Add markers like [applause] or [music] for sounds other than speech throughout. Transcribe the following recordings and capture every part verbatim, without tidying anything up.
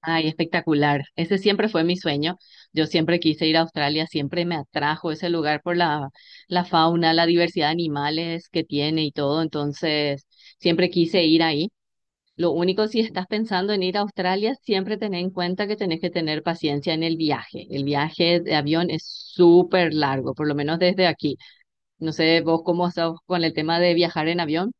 Ay, espectacular. Ese siempre fue mi sueño. Yo siempre quise ir a Australia, siempre me atrajo ese lugar por la, la fauna, la diversidad de animales que tiene y todo. Entonces, siempre quise ir ahí. Lo único, si estás pensando en ir a Australia, siempre ten en cuenta que tenés que tener paciencia en el viaje. El viaje de avión es súper largo, por lo menos desde aquí. No sé vos cómo estás con el tema de viajar en avión.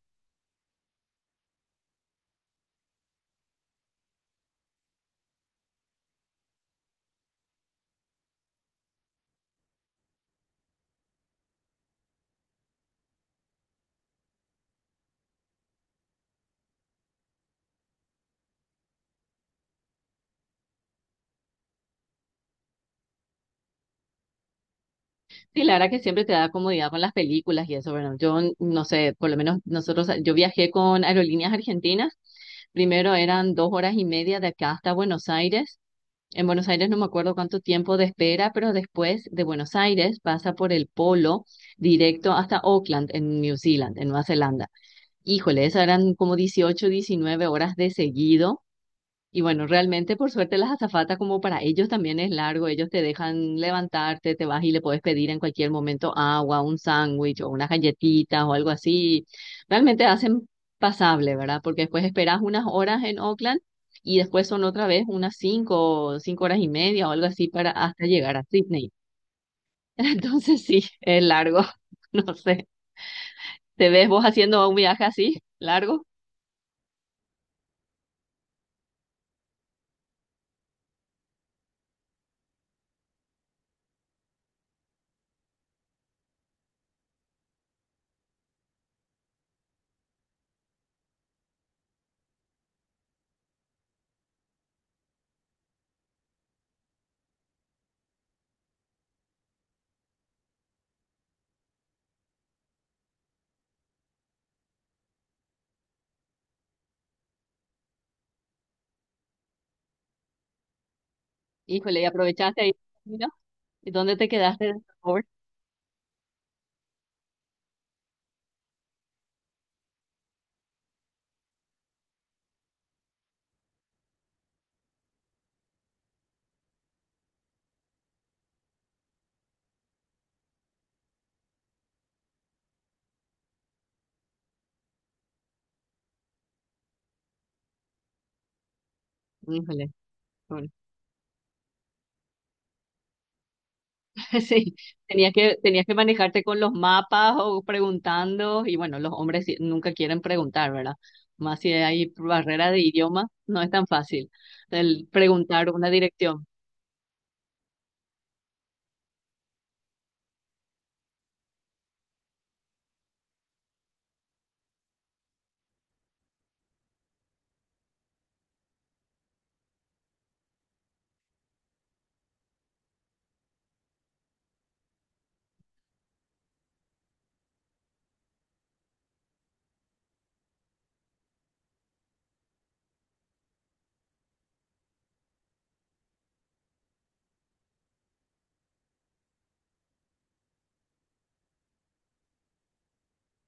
Sí, la verdad que siempre te da comodidad con las películas y eso, bueno, yo n- no sé, por lo menos nosotros, eh, yo viajé con Aerolíneas Argentinas, primero eran dos horas y media de acá hasta Buenos Aires, en Buenos Aires no me acuerdo cuánto tiempo de espera, pero después de Buenos Aires pasa por el Polo directo hasta Auckland, en New Zealand, en Nueva Zelanda. Híjole, esas eran como dieciocho, diecinueve horas de seguido y bueno, realmente por suerte las azafatas como para ellos también es largo, ellos te dejan levantarte, te vas y le puedes pedir en cualquier momento agua, un sándwich o unas galletitas o algo así. Realmente hacen pasable, ¿verdad? Porque después esperas unas horas en Oakland y después son otra vez unas cinco, cinco horas y media o algo así para hasta llegar a Sydney. [laughs] Entonces sí, es largo, [laughs] no sé. ¿Te ves vos haciendo un viaje así, largo? Híjole, ¿y aprovechaste ahí? ¿No? ¿Y dónde te quedaste? ¿De favor? Híjole. [laughs] Sí, tenías que, tenías que manejarte con los mapas o preguntando, y bueno, los hombres sí- nunca quieren preguntar, ¿verdad? Más si hay barrera de idioma, no es tan fácil el preguntar una dirección.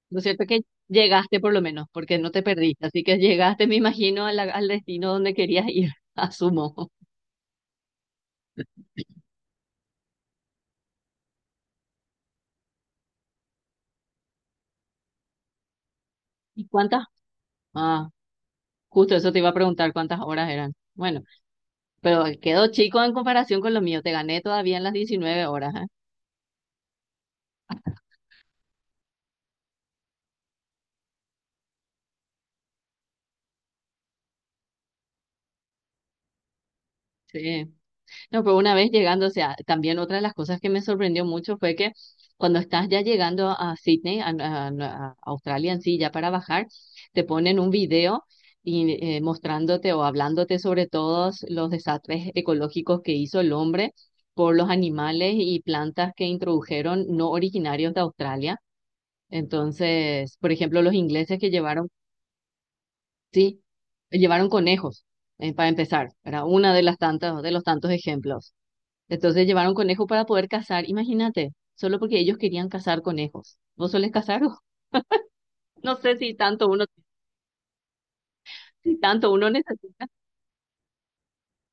Lo cierto es que llegaste por lo menos, porque no te perdiste, así que llegaste, me imagino, a la- al destino donde querías ir, [laughs] asumo. ¿Y cuántas? Ah, justo eso te iba a preguntar cuántas horas eran. Bueno, pero quedó chico en comparación con lo mío, te gané todavía en las diecinueve horas, ¿eh? Sí. No, pero una vez llegando, o sea, también otra de las cosas que me sorprendió mucho fue que cuando estás ya llegando a Sydney, a, a- a Australia en sí, ya para bajar, te ponen un video y, eh, mostrándote o hablándote sobre todos los desastres ecológicos que hizo el hombre por los animales y plantas que introdujeron no originarios de Australia. Entonces, por ejemplo, los ingleses que llevaron, sí, llevaron conejos, eh, para empezar, era una de las tantas, de los tantos ejemplos. Entonces llevaron conejo para poder cazar, imagínate, solo porque ellos querían cazar conejos. ¿Vos solés cazar? [laughs] No sé si tanto uno, si tanto uno necesita.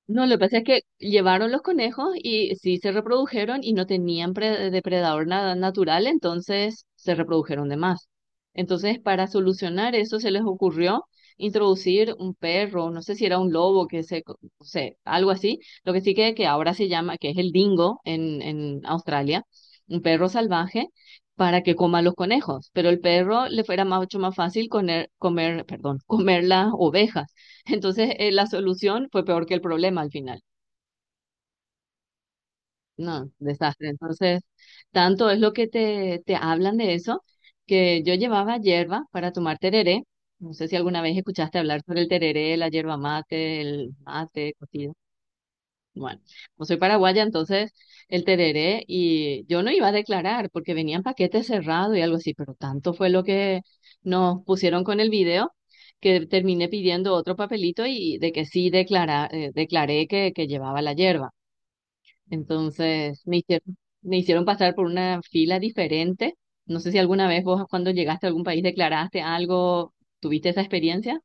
No, lo que pasa es que llevaron los conejos y sí se reprodujeron y no tenían pre- depredador nada natural, entonces se reprodujeron de más. Entonces, para solucionar eso, se les ocurrió introducir un perro, no sé si era un lobo, que se, co- no sé, algo así. Lo que sí que, que ahora se llama, que es el dingo en, en Australia, un perro salvaje, para que coma los conejos. Pero el perro le fuera más- mucho más fácil comer, comer, perdón, comer las ovejas. Entonces, eh, la solución fue peor que el problema al final. No, desastre. Entonces, tanto es lo que te, te hablan de eso, que yo llevaba hierba para tomar tereré. No sé si alguna vez escuchaste hablar sobre el tereré, la hierba mate, el mate, cocido. Bueno, como soy paraguaya, entonces el tereré y yo no iba a declarar porque venía en paquete cerrado y algo así, pero tanto fue lo que nos pusieron con el video que terminé pidiendo otro papelito y de que sí declara, eh, declaré que, que llevaba la hierba. Entonces me hicieron, me hicieron pasar por una fila diferente. No sé si alguna vez vos cuando llegaste a algún país declaraste algo, ¿tuviste esa experiencia?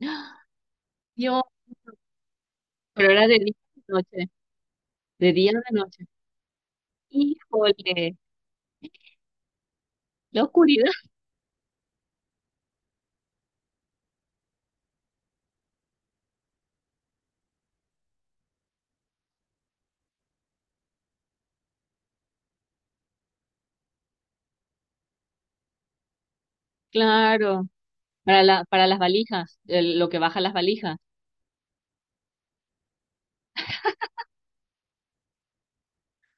[gasps] Dios, pero era de día a la noche, de día a la noche. Híjole, la oscuridad, [laughs] claro, para la, para las valijas, el- lo que baja las valijas,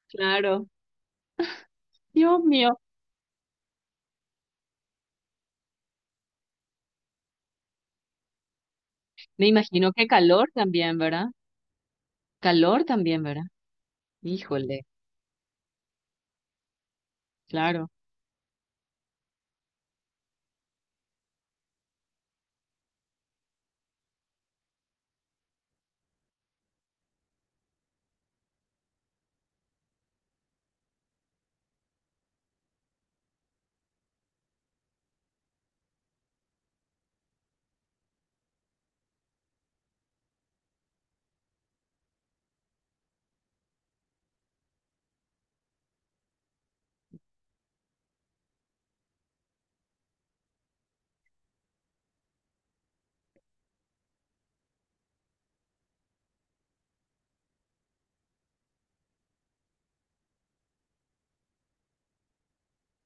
claro. Dios mío, me imagino que calor también, ¿verdad? Calor también, ¿verdad? Híjole, claro.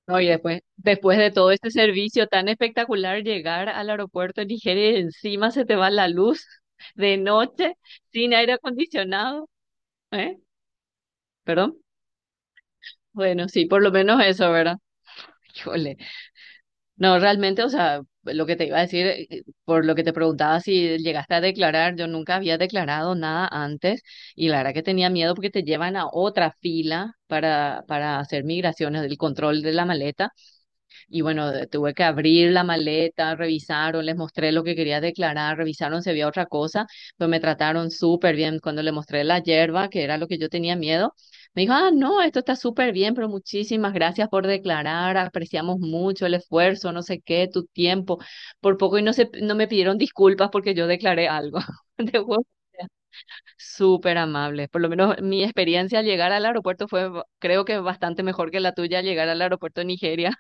No, y después, después de todo este servicio tan espectacular, llegar al aeropuerto en Nigeria y encima se te va la luz [laughs] de noche, sin aire acondicionado, ¿eh? ¿Perdón? Bueno, sí, por lo menos eso, ¿verdad? Híjole. No, realmente, o sea, lo que te iba a decir, eh, eh, por lo que te preguntaba si llegaste a declarar, yo nunca había declarado nada antes y la verdad que tenía miedo porque te llevan a otra fila para, para hacer migraciones, el control de la maleta y bueno, de- tuve que abrir la maleta, revisaron, les mostré lo que quería declarar, revisaron si había otra cosa, pero me trataron súper bien. Cuando le mostré la yerba, que era lo que yo tenía miedo, me dijo, ah, no, esto está súper bien, pero muchísimas gracias por declarar, apreciamos mucho el esfuerzo, no sé qué, tu tiempo. Por poco y no se, no me pidieron disculpas porque yo declaré algo. [laughs] Te juro que súper amables. Por lo menos mi experiencia al llegar al aeropuerto fue, creo que bastante mejor que la tuya al llegar al aeropuerto de Nigeria.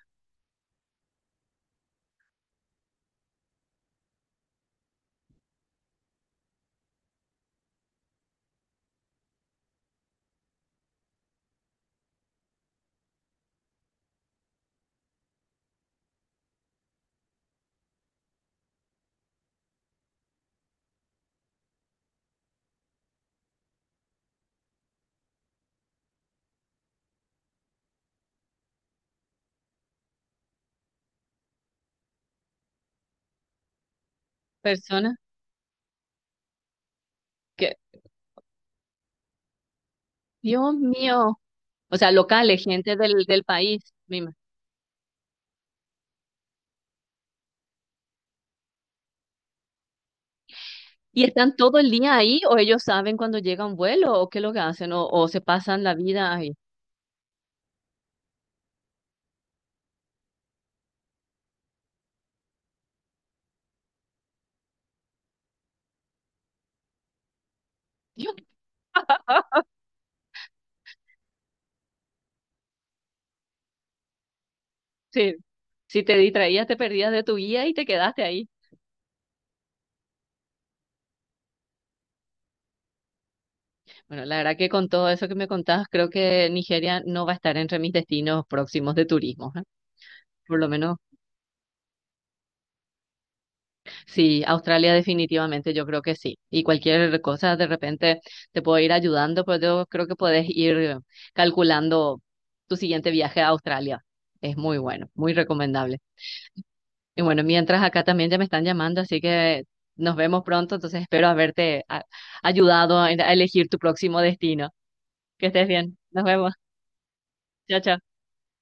Personas. Que, Dios mío, o sea, locales, gente del, del país misma. ¿Y están todo el día ahí o ellos saben cuando llega un vuelo o qué es lo que hacen o, o se pasan la vida ahí? Dios, sí. Si te distraías, te perdías de tu guía y te quedaste ahí. Bueno, la verdad que con todo eso que me contabas, creo que Nigeria no va a estar entre mis destinos próximos de turismo, ¿eh? Por lo menos sí, Australia definitivamente, yo creo que sí. Y cualquier cosa de repente te puedo ir ayudando, pero yo creo que puedes ir calculando tu siguiente viaje a Australia. Es muy bueno, muy recomendable. Y bueno, mientras acá también ya me están llamando, así que nos vemos pronto, entonces espero haberte a- ayudado a a elegir tu próximo destino. Que estés bien, nos vemos. Chao, chao.